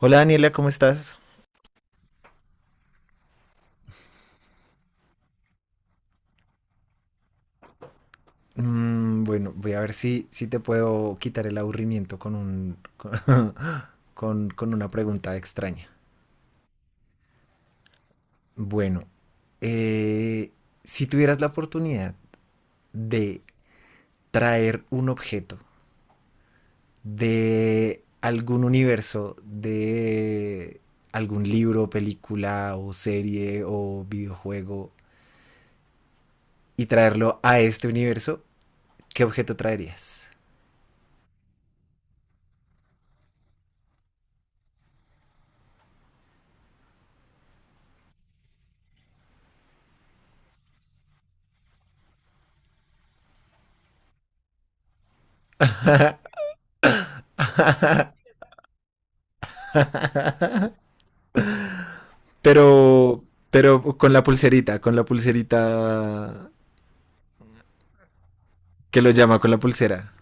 Hola Daniela, ¿cómo estás? Mm, bueno, voy a ver si te puedo quitar el aburrimiento con un, con, con una pregunta extraña. Bueno, eh, si tuvieras la oportunidad de traer un objeto de algún universo, de algún libro, película o serie o videojuego y traerlo a este universo, ¿qué objeto traerías? Pero, pero con la pulserita que lo llama, con la pulsera.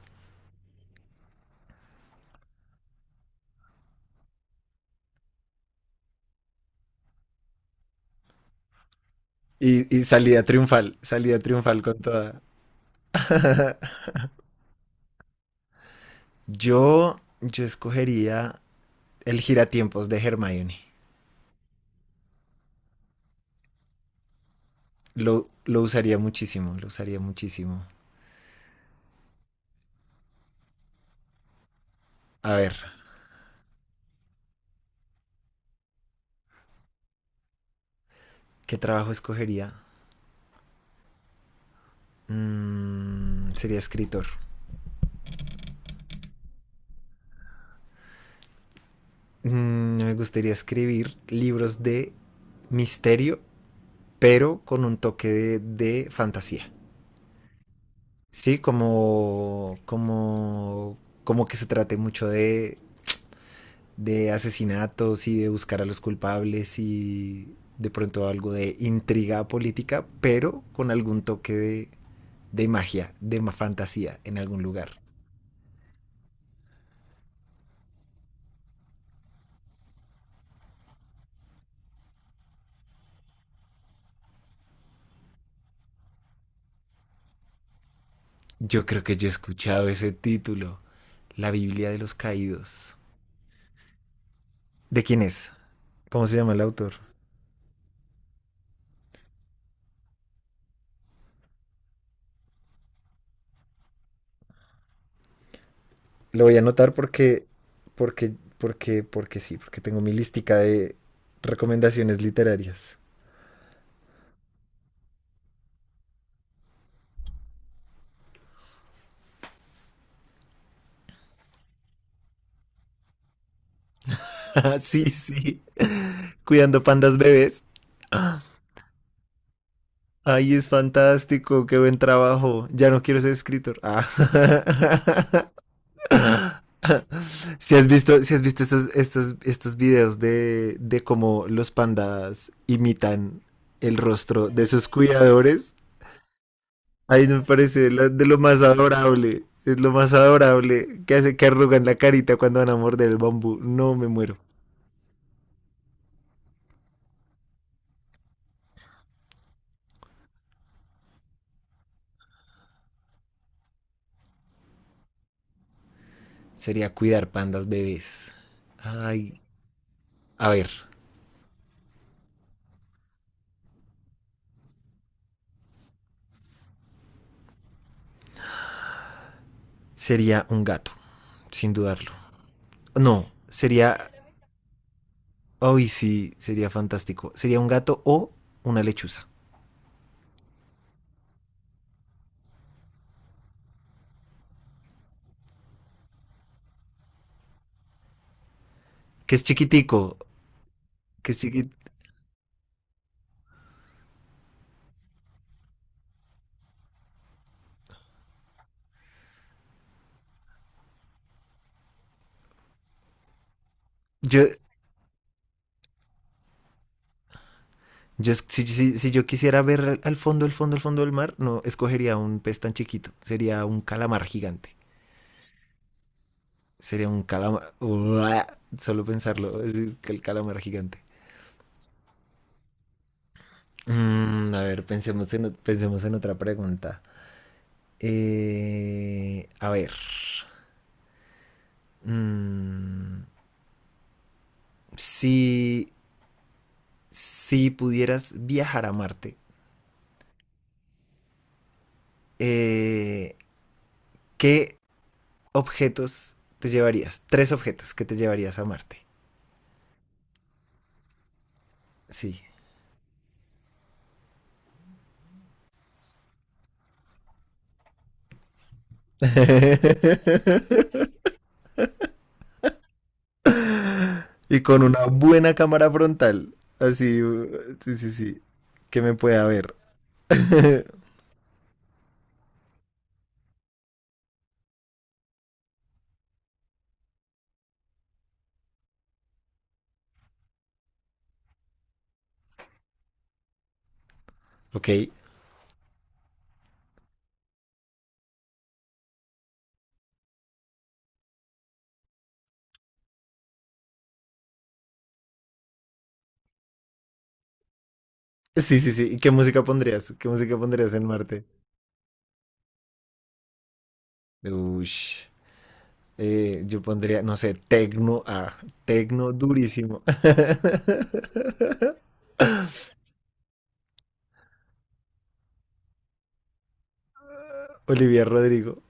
Y salida triunfal con toda. Yo escogería el giratiempos de Hermione. Lo usaría muchísimo, lo usaría muchísimo. A ver, ¿qué trabajo escogería? Mm, sería escritor. Mm, me gustaría escribir libros de misterio, pero con un toque de fantasía. Sí, como que se trate mucho de asesinatos y de buscar a los culpables y de pronto algo de intriga política, pero con algún toque de magia, de fantasía en algún lugar. Yo creo que yo he escuchado ese título, La Biblia de los Caídos. ¿De quién es? ¿Cómo se llama el autor? Lo voy a anotar porque sí, porque tengo mi lística de recomendaciones literarias. Sí, sí. Cuidando pandas bebés. Ay, es fantástico, qué buen trabajo. Ya no quiero ser escritor. Ah. Si has visto estos videos de cómo los pandas imitan el rostro de sus cuidadores, ahí me parece de lo más adorable. Es lo más adorable que hace que arrugan la carita cuando van a morder el bambú. No me muero. Sería cuidar pandas bebés. Ay, a ver. Sería un gato, sin dudarlo. No, sería... Uy, sí, sería fantástico. Sería un gato o una lechuza. Que es chiquitico, que es Yo, yo, si yo quisiera ver al fondo, el fondo, el fondo del mar, no escogería un pez tan chiquito. Sería un calamar gigante. Sería un calamar. Uah, solo pensarlo, es que el calamar gigante. Mm, a ver, pensemos en, pensemos en otra pregunta. A ver. Mm, si, si pudieras viajar a Marte, eh, ¿qué objetos te llevarías? Tres objetos que te llevarías a Marte. Sí. Y con una buena cámara frontal. Así, sí, sí, sí. Que me pueda ver. Ok. Sí, sí, sí. ¿Y qué música pondrías? ¿Qué música pondrías en Marte? Uy. Yo pondría, no sé, tecno durísimo. Olivia Rodrigo.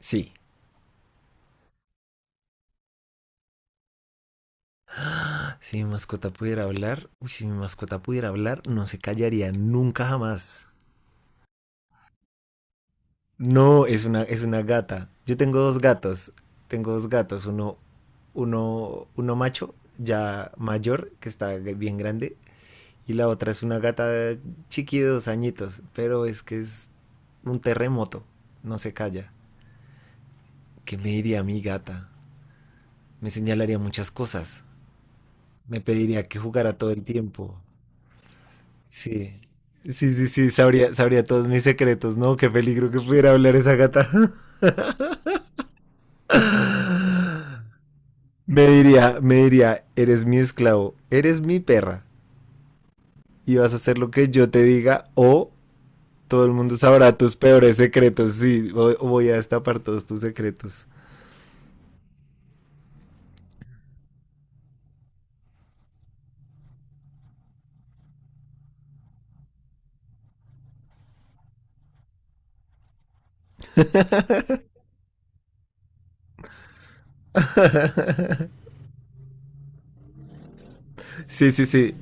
Sí. Si mi mascota pudiera hablar, uy, si mi mascota pudiera hablar, no se callaría nunca jamás. No, es una gata. Yo tengo dos gatos. Tengo dos gatos. Uno macho, ya mayor, que está bien grande. Y la otra es una gata chiqui de dos añitos. Pero es que es un terremoto. No se calla. ¿Qué me diría mi gata? Me señalaría muchas cosas. Me pediría que jugara todo el tiempo. Sí. Sí, sí, sí, sabría todos mis secretos, ¿no? Qué peligro que pudiera hablar esa gata. Me diría, eres mi esclavo, eres mi perra, y vas a hacer lo que yo te diga, o todo el mundo sabrá tus peores secretos. Sí, voy a destapar todos tus secretos. Sí, sí, sí.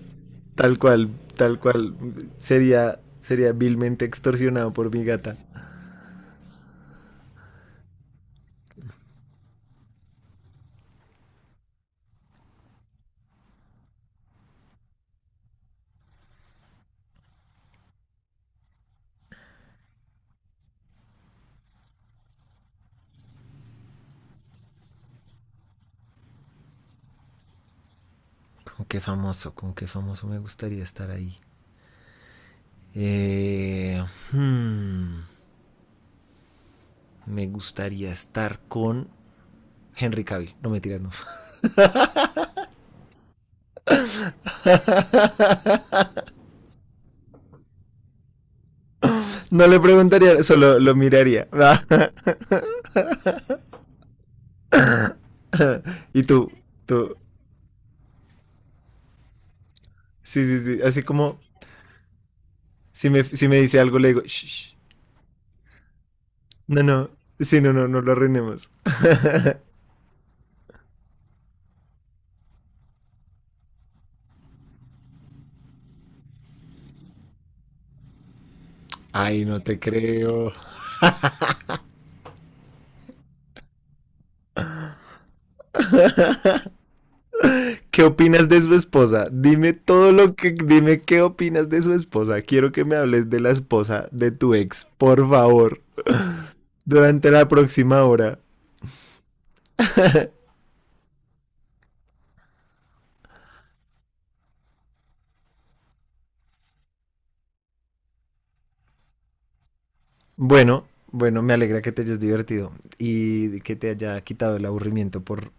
Tal cual, tal cual. Sería vilmente extorsionado por mi gata. ¿Con qué famoso? ¿Con qué famoso me gustaría estar ahí? Eh, hmm. Me gustaría estar con Henry Cavill. No me tiras, no. No le preguntaría, solo lo miraría. Y tú, tú. Sí, sí, sí. Así como si me dice algo, le digo, shh. No, no. Sí, no, no, no lo arruinemos. Ay, no te creo. ¿Qué opinas de su esposa? Dime todo lo que. Dime qué opinas de su esposa. Quiero que me hables de la esposa de tu ex, por favor. Durante la próxima hora. Bueno, bueno, me alegra que te hayas divertido y que te haya quitado el aburrimiento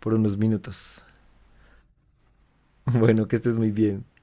por unos minutos. Bueno, que estés muy bien.